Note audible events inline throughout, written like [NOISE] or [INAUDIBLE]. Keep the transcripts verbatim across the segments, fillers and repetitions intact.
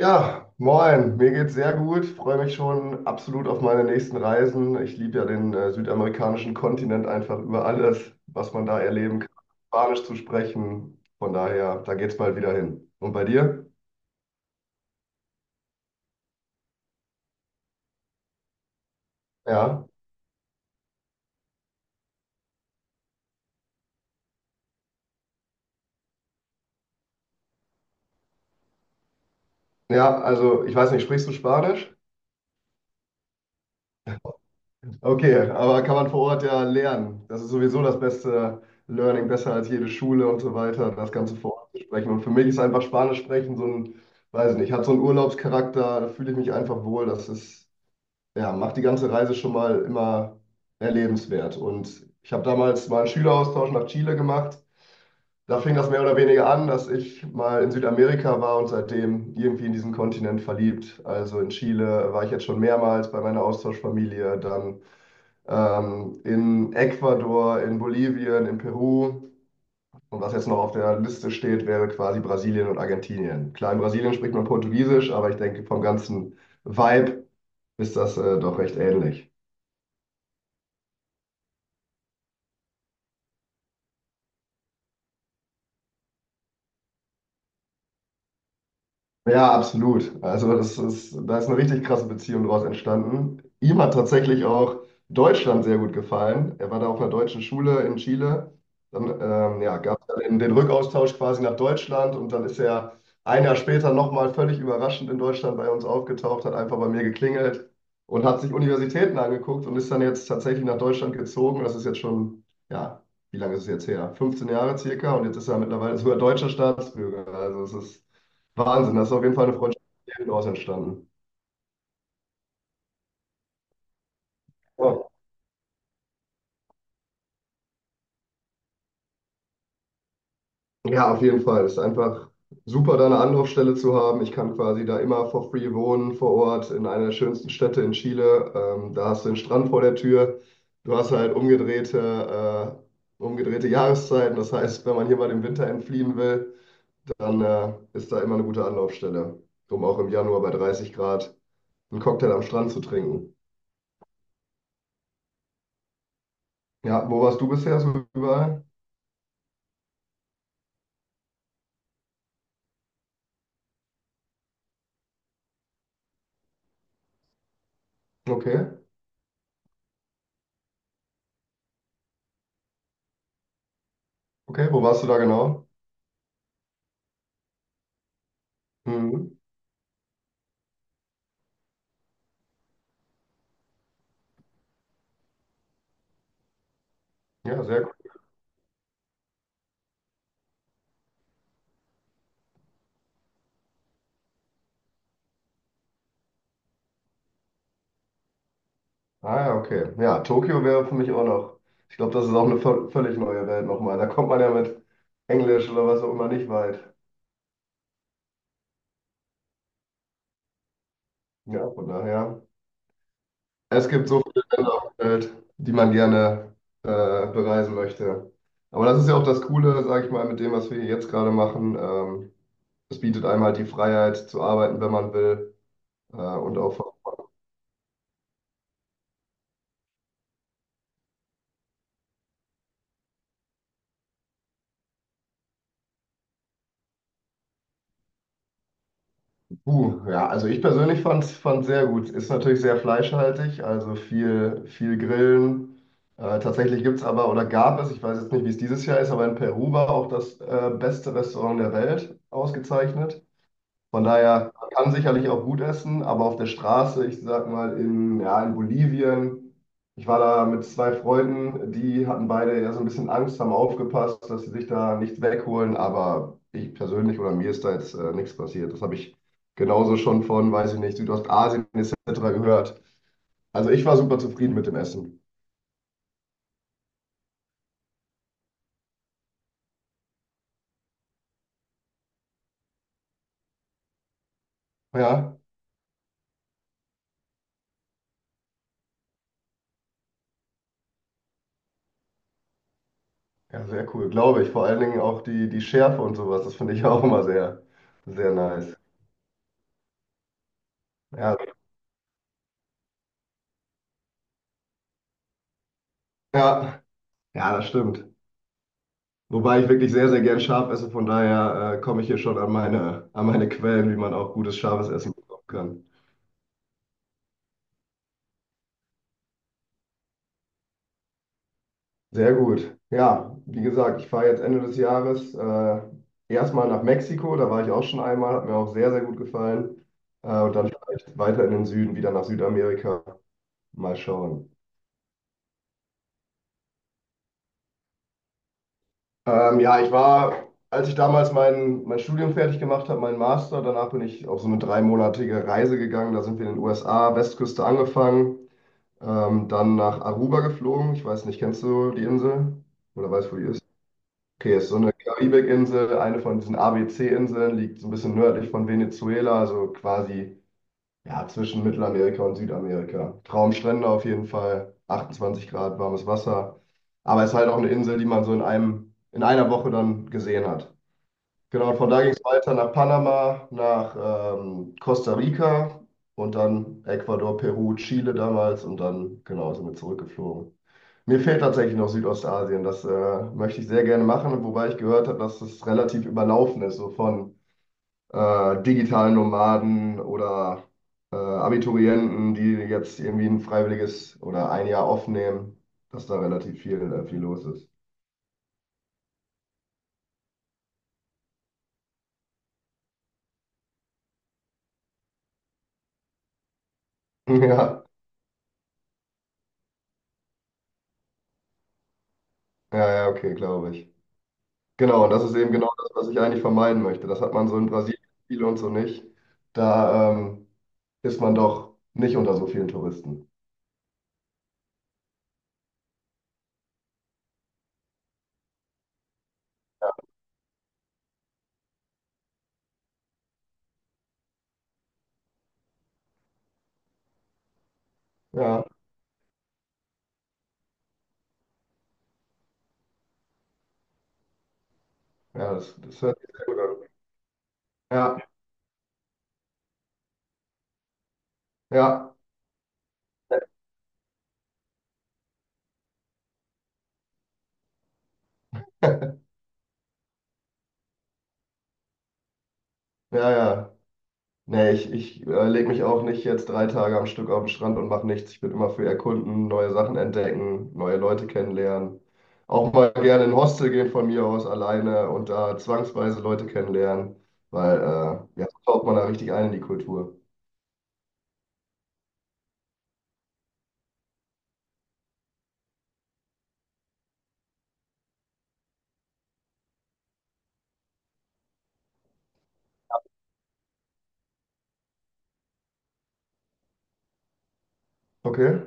Ja, moin, mir geht's sehr gut, freue mich schon absolut auf meine nächsten Reisen. Ich liebe ja den äh, südamerikanischen Kontinent einfach über alles, was man da erleben kann, Spanisch zu sprechen. Von daher, da geht's bald wieder hin. Und bei dir? Ja, ja, also ich weiß nicht, sprichst du Spanisch? Okay, aber kann man vor Ort ja lernen. Das ist sowieso das beste Learning, besser als jede Schule und so weiter, das Ganze vor Ort zu sprechen. Und für mich ist einfach Spanisch sprechen so ein, weiß nicht, hat so einen Urlaubscharakter, da fühle ich mich einfach wohl. Das ist ja, macht die ganze Reise schon mal immer erlebenswert. Und ich habe damals mal einen Schüleraustausch nach Chile gemacht. Da fing das mehr oder weniger an, dass ich mal in Südamerika war und seitdem irgendwie in diesen Kontinent verliebt. Also in Chile war ich jetzt schon mehrmals bei meiner Austauschfamilie, dann ähm, in Ecuador, in Bolivien, in Peru. Und was jetzt noch auf der Liste steht, wäre quasi Brasilien und Argentinien. Klar, in Brasilien spricht man Portugiesisch, aber ich denke, vom ganzen Vibe ist das äh, doch recht ähnlich. Ja, absolut. Also das ist, da ist eine richtig krasse Beziehung daraus entstanden. Ihm hat tatsächlich auch Deutschland sehr gut gefallen. Er war da auf einer deutschen Schule in Chile. Dann ähm, ja, gab es dann den, den Rückaustausch quasi nach Deutschland und dann ist er ein Jahr später nochmal völlig überraschend in Deutschland bei uns aufgetaucht, hat einfach bei mir geklingelt und hat sich Universitäten angeguckt und ist dann jetzt tatsächlich nach Deutschland gezogen. Das ist jetzt schon, ja, wie lange ist es jetzt her? fünfzehn Jahre circa, und jetzt ist er mittlerweile sogar deutscher Staatsbürger. Also es ist Wahnsinn, das ist auf jeden Fall eine Freundschaft daraus entstanden. Ja, Ja, auf jeden Fall. Es ist einfach super, da eine Anlaufstelle zu haben. Ich kann quasi da immer for free wohnen vor Ort in einer der schönsten Städte in Chile. Ähm, da hast du den Strand vor der Tür. Du hast halt umgedrehte, äh, umgedrehte Jahreszeiten. Das heißt, wenn man hier mal dem Winter entfliehen will, dann äh, ist da immer eine gute Anlaufstelle, um auch im Januar bei dreißig Grad einen Cocktail am Strand zu trinken. Ja, wo warst du bisher so überall? Okay, okay, wo warst du da genau? Mhm. Ja, sehr gut. Ah, ja, okay. Ja, Tokio wäre für mich auch noch. Ich glaube, das ist auch eine völ- völlig neue Welt nochmal. Da kommt man ja mit Englisch oder was auch immer nicht weit. Ja, von daher. Es gibt so viele Länder auf der Welt, die man gerne äh, bereisen möchte. Aber das ist ja auch das Coole, sage ich mal, mit dem, was wir hier jetzt gerade machen. Ähm, es bietet einem halt die Freiheit zu arbeiten, wenn man will, äh, und auch. Uh, ja, also ich persönlich fand es sehr gut. Ist natürlich sehr fleischhaltig, also viel, viel Grillen. Äh, tatsächlich gibt es aber oder gab es, ich weiß jetzt nicht, wie es dieses Jahr ist, aber in Peru war auch das äh, beste Restaurant der Welt ausgezeichnet. Von daher, man kann sicherlich auch gut essen, aber auf der Straße, ich sag mal in, ja, in Bolivien, ich war da mit zwei Freunden, die hatten beide ja so ein bisschen Angst, haben aufgepasst, dass sie sich da nichts wegholen, aber ich persönlich oder mir ist da jetzt äh, nichts passiert. Das habe ich genauso schon von, weiß ich nicht, Südostasien et cetera gehört. Also ich war super zufrieden mit dem Essen. Ja, ja, sehr cool, glaube ich. Vor allen Dingen auch die, die Schärfe und sowas, das finde ich [LAUGHS] auch immer sehr, sehr nice. Ja, ja, ja, das stimmt. Wobei ich wirklich sehr, sehr gern scharf esse, von daher äh, komme ich hier schon an meine, an meine, Quellen, wie man auch gutes scharfes Essen bekommen kann. Sehr gut. Ja, wie gesagt, ich fahre jetzt Ende des Jahres äh, erstmal nach Mexiko, da war ich auch schon einmal, hat mir auch sehr, sehr gut gefallen. Äh, und dann vielleicht weiter in den Süden, wieder nach Südamerika. Mal schauen. Ähm, ja, ich war, als ich damals mein, mein Studium fertig gemacht habe, meinen Master, danach bin ich auf so eine dreimonatige Reise gegangen. Da sind wir in den U S A, Westküste angefangen, ähm, dann nach Aruba geflogen. Ich weiß nicht, kennst du die Insel? Oder weißt du, wo die ist? Okay, ist so eine Karibikinsel, eine von diesen A B C-Inseln, liegt so ein bisschen nördlich von Venezuela, also quasi ja, zwischen Mittelamerika und Südamerika. Traumstrände auf jeden Fall, achtundzwanzig Grad warmes Wasser. Aber es ist halt auch eine Insel, die man so in einem, in einer Woche dann gesehen hat. Genau, und von da ging es weiter nach Panama, nach ähm, Costa Rica und dann Ecuador, Peru, Chile damals und dann, genau, sind wir zurückgeflogen. Mir fehlt tatsächlich noch Südostasien. Das äh, möchte ich sehr gerne machen, wobei ich gehört habe, dass es relativ überlaufen ist, so von äh, digitalen Nomaden oder äh, Abiturienten, die jetzt irgendwie ein freiwilliges oder ein Jahr aufnehmen, dass da relativ viel, äh, viel los ist. [LAUGHS] Ja, ja, ja, okay, glaube ich. Genau, und das ist eben genau das, was ich eigentlich vermeiden möchte. Das hat man so in Brasilien viel und so nicht. Da ähm, ist man doch nicht unter so vielen Touristen. Ja, ja, das, das hört sich sehr gut an. Ja, ja, [LAUGHS] ja, ja. Nee, ich, ich äh, lege mich auch nicht jetzt drei Tage am Stück auf den Strand und mache nichts. Ich bin immer für Erkunden, neue Sachen entdecken, neue Leute kennenlernen. Auch mal gerne in ein Hostel gehen von mir aus alleine und da zwangsweise Leute kennenlernen, weil äh, ja, so taucht man da richtig ein in die Kultur. Okay,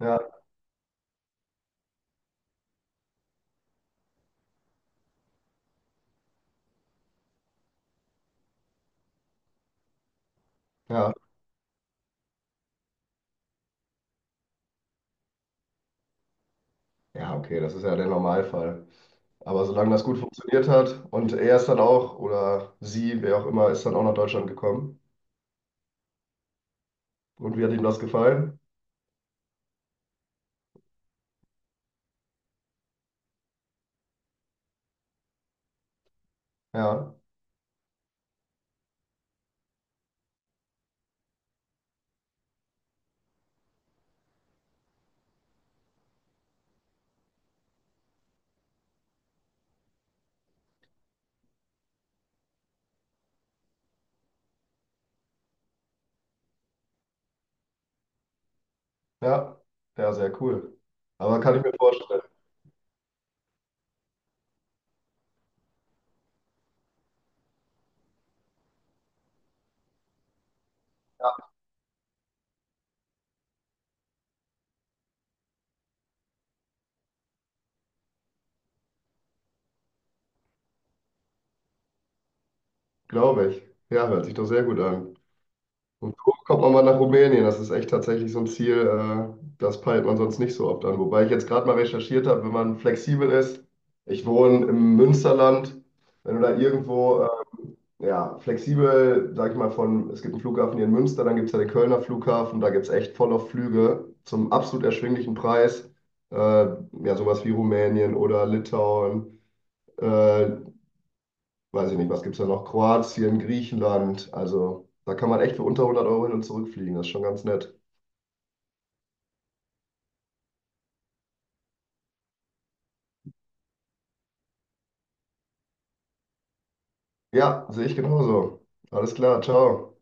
ja, ja. Ja, okay, das ist ja der Normalfall. Aber solange das gut funktioniert hat, und er ist dann auch, oder sie, wer auch immer, ist dann auch nach Deutschland gekommen. Und wie hat ihm das gefallen? Ja. Ja, ja, sehr cool. Aber kann ich mir vorstellen, glaube ich. Ja, hört sich doch sehr gut an. Und so kommt man mal nach Rumänien. Das ist echt tatsächlich so ein Ziel, äh, das peilt man sonst nicht so oft an. Wobei ich jetzt gerade mal recherchiert habe, wenn man flexibel ist. Ich wohne im Münsterland. Wenn du da irgendwo, äh, ja, flexibel, sag ich mal, von, es gibt einen Flughafen hier in Münster, dann gibt es ja den Kölner Flughafen, da gibt es echt voll auf Flüge zum absolut erschwinglichen Preis. Äh, ja, sowas wie Rumänien oder Litauen äh, weiß ich nicht, was gibt es da noch? Kroatien, Griechenland. Also da kann man echt für unter hundert Euro hin und zurückfliegen. Das ist schon ganz nett. Ja, sehe ich genauso. Alles klar, ciao.